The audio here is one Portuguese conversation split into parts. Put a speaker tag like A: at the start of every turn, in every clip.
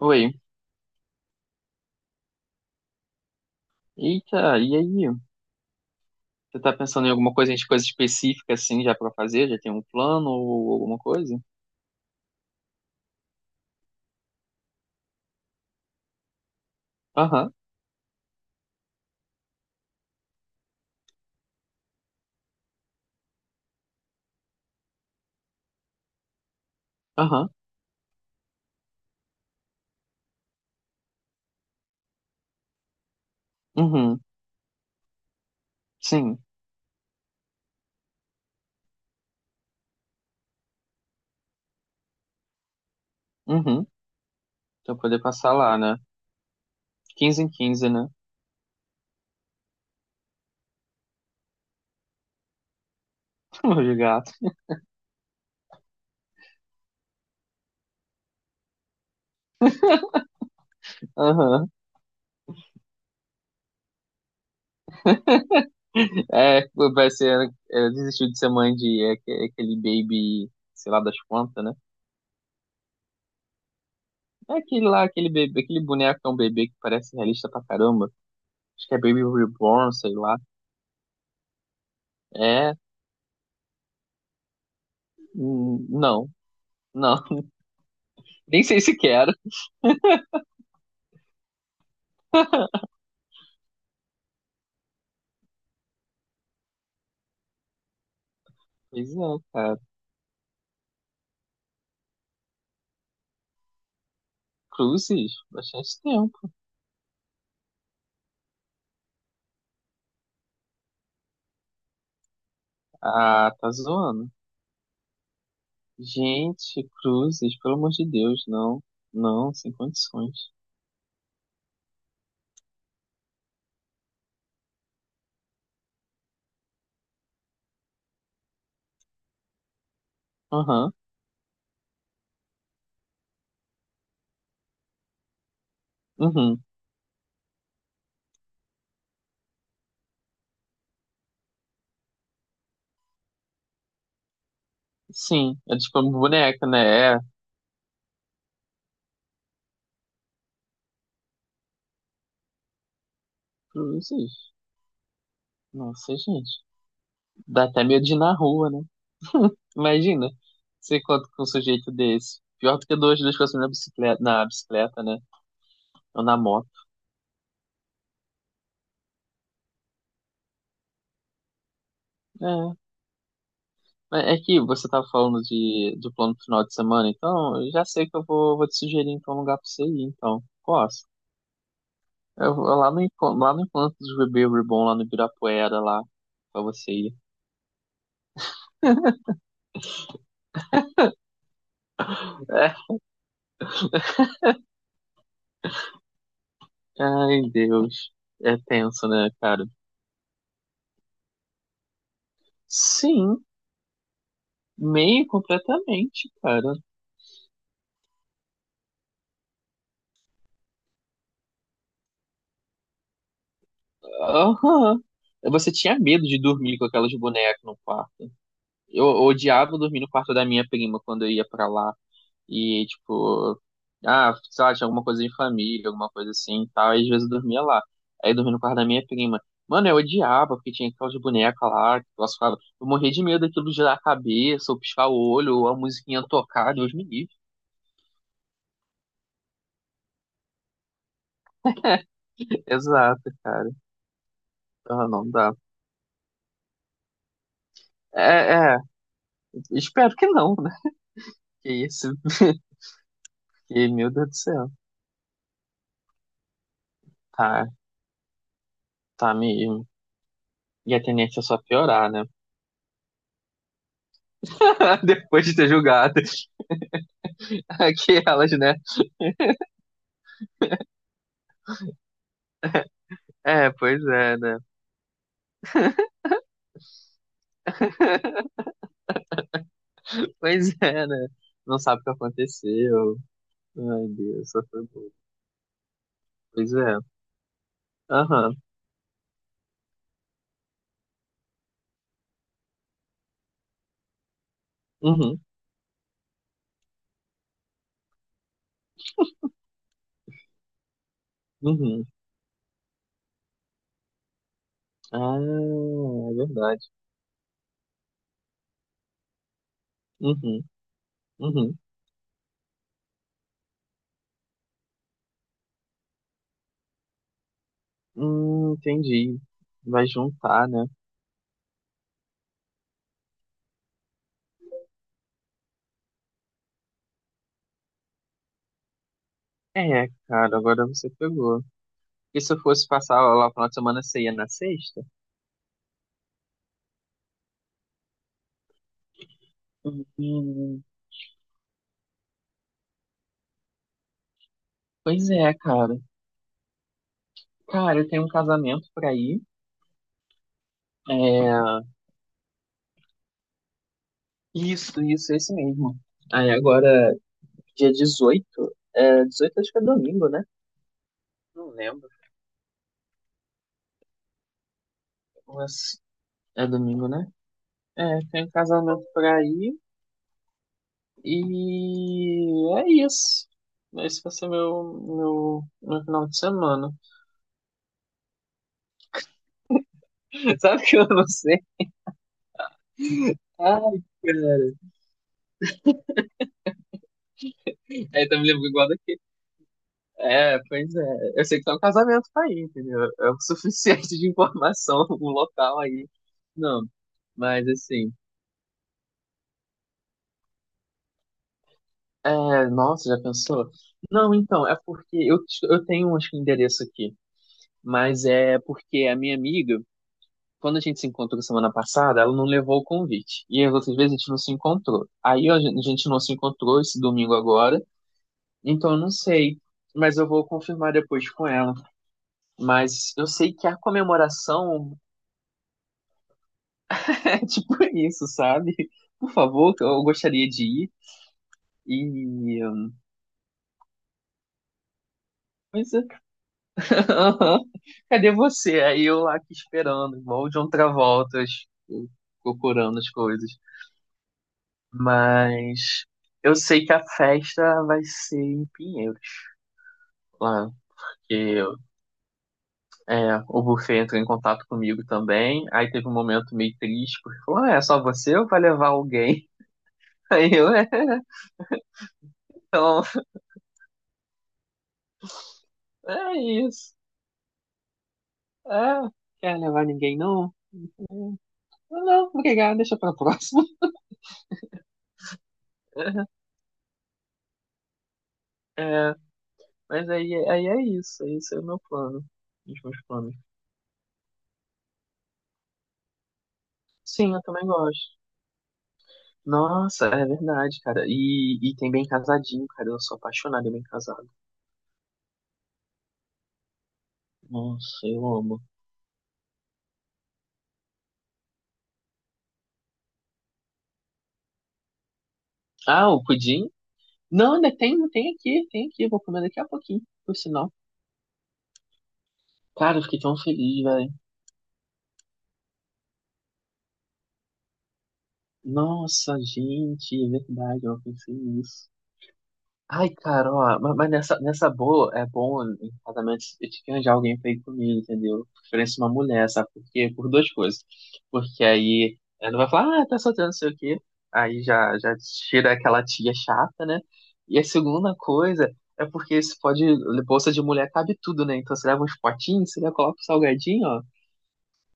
A: Oi. Eita, e aí? Você tá pensando em alguma coisa, em coisa específica assim já pra fazer? Já tem um plano ou alguma coisa? Aham, aham, uhum, sim, uhum. Pra poder passar lá, né? 15 em 15, né? Meu gato. Aham. É, vai ser. É, desistiu de ser mãe de aquele baby, sei lá das quantas, né? É aquele lá, aquele bebê, aquele boneco que é um bebê que parece realista pra caramba. Acho que é Baby Reborn, sei lá. É. Hum, não, não. Nem sei se quero. Pois é, cara. Cruzes, bastante tempo. Ah, tá zoando. Gente, cruzes, pelo amor de Deus, não. Não, sem condições. Aham, uhum, sim, é tipo uma boneca, né? É, cruzes. Nossa, gente. Dá até medo de ir na rua, né? Imagina, você encontra com um sujeito desse. Pior do que duas pessoas na bicicleta, né? Ou na moto. É. Mas é que você tava falando do plano pro final de semana, então eu já sei que eu vou te sugerir então um lugar pra você ir, então. Posso? Eu vou lá lá no encontro dos bebês Reborn, lá no Ibirapuera, lá, pra você ir. É, ai, Deus. É tenso, né, cara? Sim, meio completamente, cara. Aham. Você tinha medo de dormir com aquelas bonecas no quarto. Eu odiava dormir no quarto da minha prima quando eu ia pra lá. E, tipo, ah, sei lá, tinha alguma coisa de família, alguma coisa assim e tal. E às vezes eu dormia lá. Aí eu dormia no quarto da minha prima. Mano, eu odiava, porque tinha aquelas bonecas lá, que eu ficava. Eu morria de medo daquilo girar a cabeça, ou piscar o olho, ou a musiquinha tocar, Deus me livre. Exato, cara. Ah, não dá. É, é, espero que não, né? Que isso. Que, meu Deus do céu. Tá, tá mesmo. E a tendência é só piorar, né? Depois de ter julgado. Aquelas, né? É, pois é, né? Pois é, né? Não sabe o que aconteceu. Ai, Deus, só foi bom. Pois é. Aham. Uhum. Uhum. Ah, é verdade. Uhum. Uhum. Entendi. Vai juntar, né? É, cara, agora você pegou. E se eu fosse passar lá o final de semana, você ia na sexta? Hum, Pois é, cara. Cara, eu tenho um casamento pra ir. É, isso, esse mesmo. Aí agora, dia 18 é, 18 acho que é domingo, né? Não lembro, mas é domingo, né? É, tem um casamento pra ir e é isso. Esse vai ser meu final de semana. Sabe o que eu não sei? Ai, cara. Aí tá me lembrando igual daqui. É, pois é. Eu sei que tem um casamento pra ir, entendeu? É o suficiente de informação, o local aí. Não, mas assim. É, nossa, já pensou? Não, então, é porque eu tenho acho que um endereço aqui, mas é porque a minha amiga. Quando a gente se encontrou semana passada, ela não levou o convite. E as outras vezes a gente não se encontrou. Aí a gente não se encontrou esse domingo agora, então eu não sei. Mas eu vou confirmar depois com ela. Mas eu sei que a comemoração é tipo isso, sabe? Por favor, eu gostaria de ir. E. Mas, cadê você? Aí eu lá aqui esperando, igual o John Travolta, procurando as coisas. Mas eu sei que a festa vai ser em Pinheiros, lá. Porque eu- É, o buffet entrou em contato comigo também. Aí teve um momento meio triste, porque falou: ah, é só você ou vai levar alguém? Aí eu, então, é isso. É, quer levar ninguém não? Não, não, obrigado, deixa pra próxima. É, mas aí é isso, esse é o meu plano, os meus planos. Sim, eu também gosto. Nossa, é verdade, cara. E tem bem casadinho, cara. Eu sou apaixonado em bem casado. Nossa, eu amo. Ah, o pudim? Não, ainda tem aqui, tem aqui. Eu vou comer daqui a pouquinho, por sinal. Cara, eu fiquei tão feliz, velho. Nossa, gente, é verdade, eu não pensei nisso. Ai, cara, ó, mas nessa, boa, é bom em casamentos eu te arranjar alguém pra ir comigo, entendeu? Preferência uma mulher, sabe? Porque, por duas coisas. Porque aí ela não vai falar, ah, tá solteiro, não sei o quê. Aí já, já tira aquela tia chata, né? E a segunda coisa é porque você pode, bolsa de mulher cabe tudo, né? Então você leva uns potinhos, você já coloca o salgadinho, ó.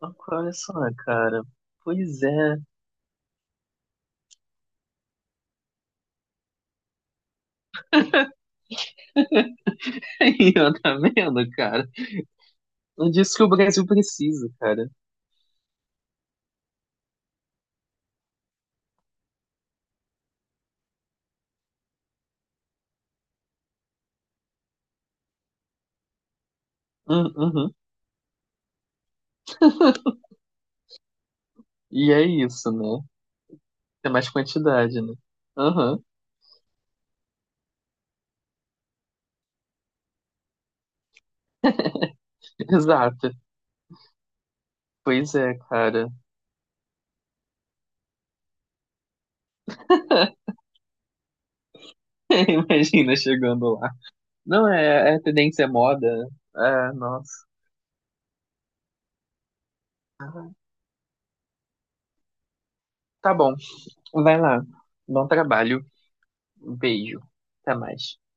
A: Ó, olha só, cara. Pois é. Aí, ó, tá vendo, cara? Não disso que o Brasil precisa, cara. Uhum. E é isso, né? É mais quantidade, né? Aham, exato. Pois é, cara. Imagina chegando lá. Não, é tendência é moda, né? É, nossa. Tá bom, vai lá. Bom trabalho. Beijo. Até mais.